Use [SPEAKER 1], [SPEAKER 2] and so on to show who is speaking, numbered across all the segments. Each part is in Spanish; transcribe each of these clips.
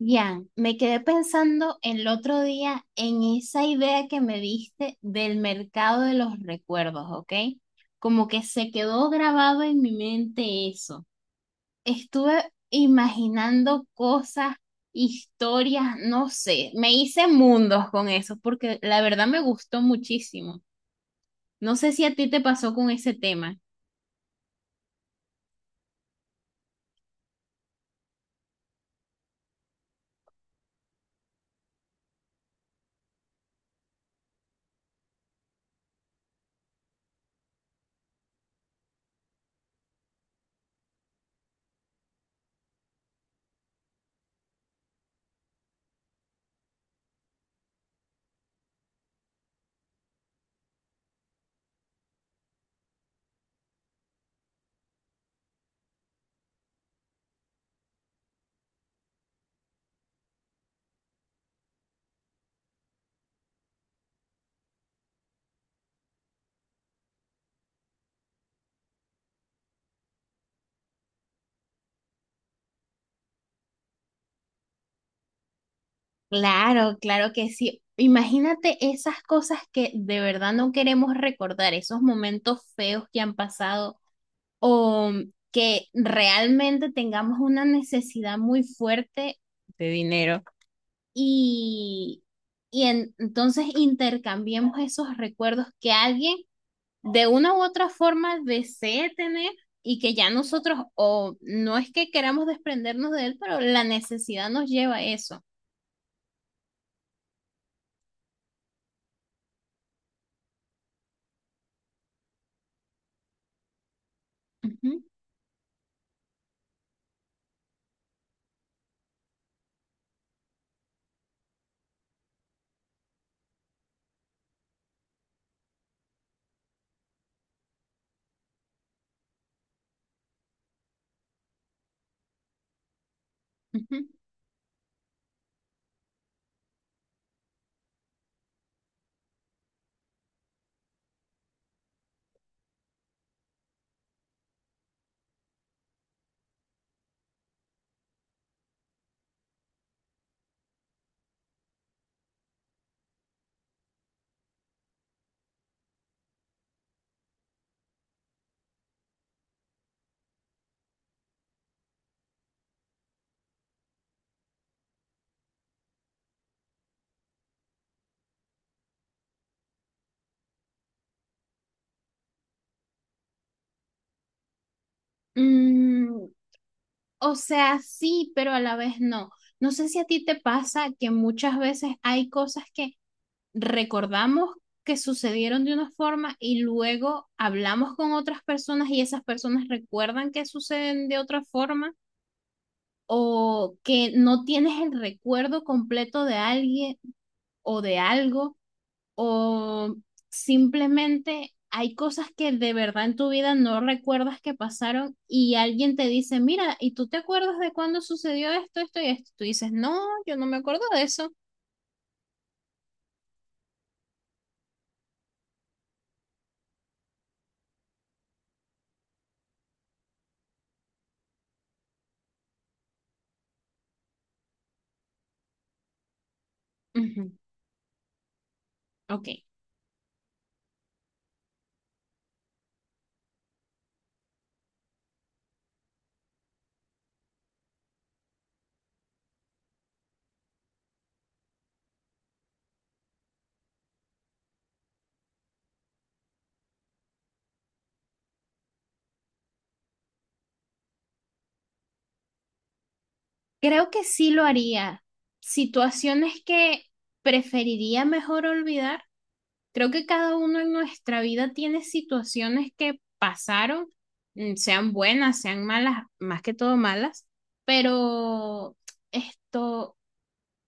[SPEAKER 1] Ya, me quedé pensando el otro día en esa idea que me diste del mercado de los recuerdos, ¿ok? Como que se quedó grabado en mi mente eso. Estuve imaginando cosas, historias, no sé, me hice mundos con eso porque la verdad me gustó muchísimo. No sé si a ti te pasó con ese tema. Claro, claro que sí. Imagínate esas cosas que de verdad no queremos recordar, esos momentos feos que han pasado o que realmente tengamos una necesidad muy fuerte de dinero y, y entonces intercambiemos esos recuerdos que alguien de una u otra forma desee tener y que ya nosotros o no es que queramos desprendernos de él, pero la necesidad nos lleva a eso. Ujú, ujú. Mm, o sea, sí, pero a la vez no. No sé si a ti te pasa que muchas veces hay cosas que recordamos que sucedieron de una forma y luego hablamos con otras personas y esas personas recuerdan que suceden de otra forma o que no tienes el recuerdo completo de alguien o de algo o simplemente hay cosas que de verdad en tu vida no recuerdas que pasaron y alguien te dice, mira, ¿y tú te acuerdas de cuándo sucedió esto, esto y esto? Tú dices, no, yo no me acuerdo de eso. Ujú. Ok, creo que sí lo haría. Situaciones que preferiría mejor olvidar. Creo que cada uno en nuestra vida tiene situaciones que pasaron, sean buenas, sean malas, más que todo malas, pero esto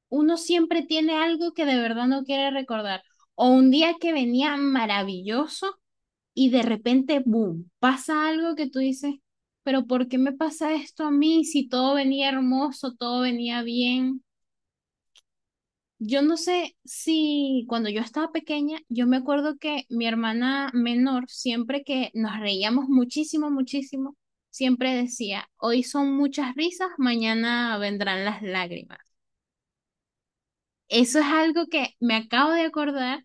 [SPEAKER 1] uno siempre tiene algo que de verdad no quiere recordar. O un día que venía maravilloso y de repente, boom, pasa algo que tú dices, pero ¿por qué me pasa esto a mí si todo venía hermoso, todo venía bien? Yo no sé si cuando yo estaba pequeña, yo me acuerdo que mi hermana menor, siempre que nos reíamos muchísimo, muchísimo, siempre decía, hoy son muchas risas, mañana vendrán las lágrimas. Eso es algo que me acabo de acordar.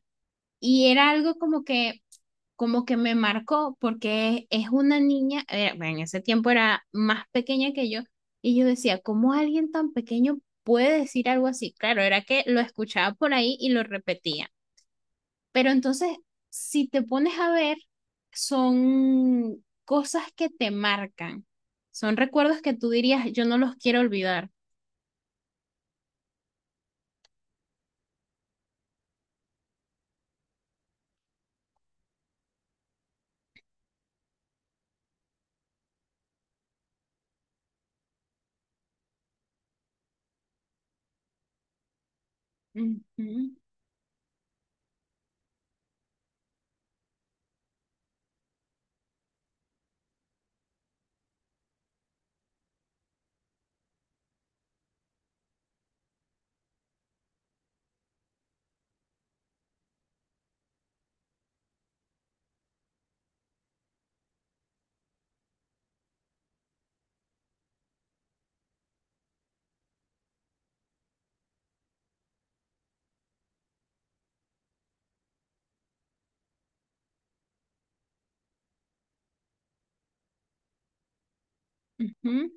[SPEAKER 1] Y era algo como que me marcó porque es una niña, bueno, en ese tiempo era más pequeña que yo, y yo decía, ¿cómo alguien tan pequeño puede decir algo así? Claro, era que lo escuchaba por ahí y lo repetía. Pero entonces, si te pones a ver, son cosas que te marcan, son recuerdos que tú dirías, yo no los quiero olvidar. Ujú, ujú.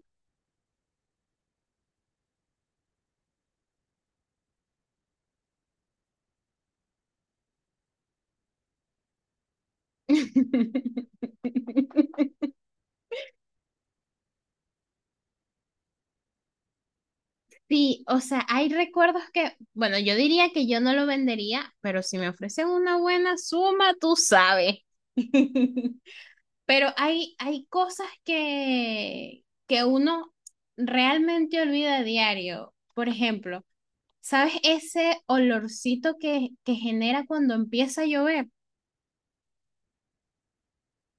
[SPEAKER 1] Sí, o sea, hay recuerdos que, bueno, yo diría que yo no lo vendería, pero si me ofrecen una buena suma, tú sabes. Pero hay cosas que uno realmente olvida a diario. Por ejemplo, ¿sabes ese olorcito que genera cuando empieza a llover?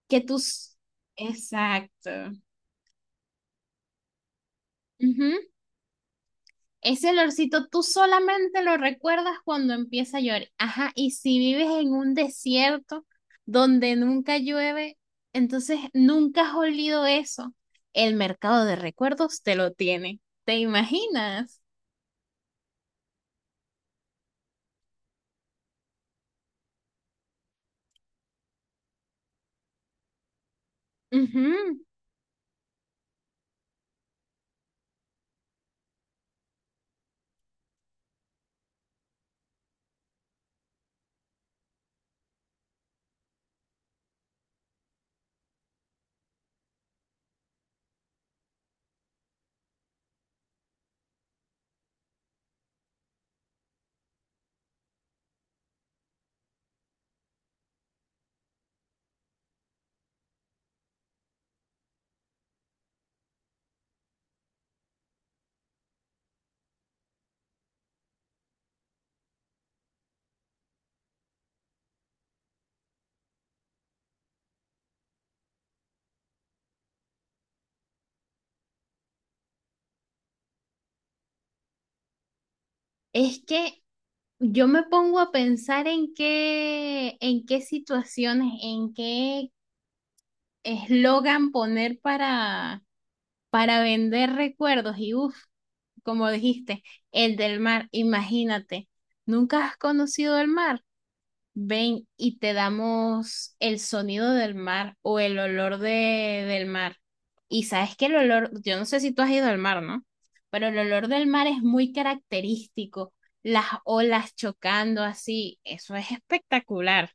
[SPEAKER 1] Que tus... Exacto. Ujú. Ese olorcito tú solamente lo recuerdas cuando empieza a llover. Ajá, y si vives en un desierto donde nunca llueve, entonces nunca has olido eso. El mercado de recuerdos te lo tiene. ¿Te imaginas? Ujú. Es que yo me pongo a pensar en qué situaciones, en qué eslogan poner para vender recuerdos y uff. Como dijiste, el del mar, imagínate, ¿nunca has conocido el mar? Ven y te damos el sonido del mar o el olor del mar. Y sabes que el olor, yo no sé si tú has ido al mar, ¿no? Pero el olor del mar es muy característico, las olas chocando así, eso es espectacular.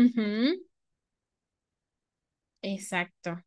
[SPEAKER 1] Ujú, exacto,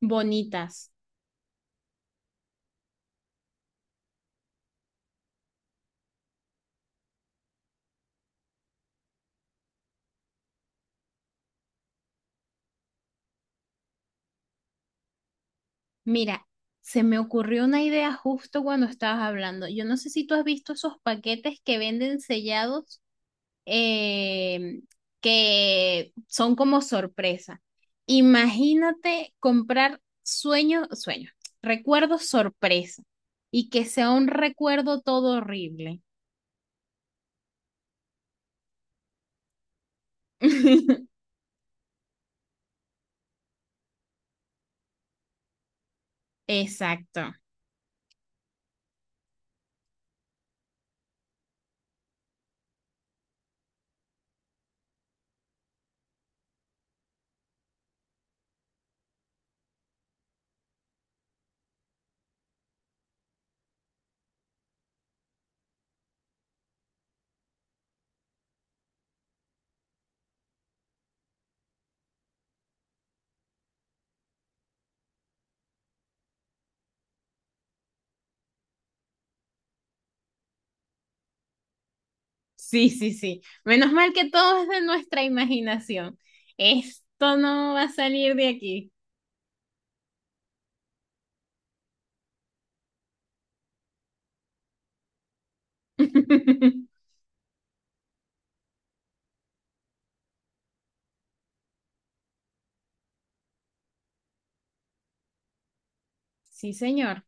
[SPEAKER 1] bonitas. Mira, se me ocurrió una idea justo cuando estabas hablando. Yo no sé si tú has visto esos paquetes que venden sellados, eh, que son como sorpresa. Imagínate comprar sueños, recuerdos sorpresa y que sea un recuerdo todo horrible. Exacto. Sí, sí, sí. Menos mal que todo es de nuestra imaginación. Esto no va a salir de aquí. Sí, señor.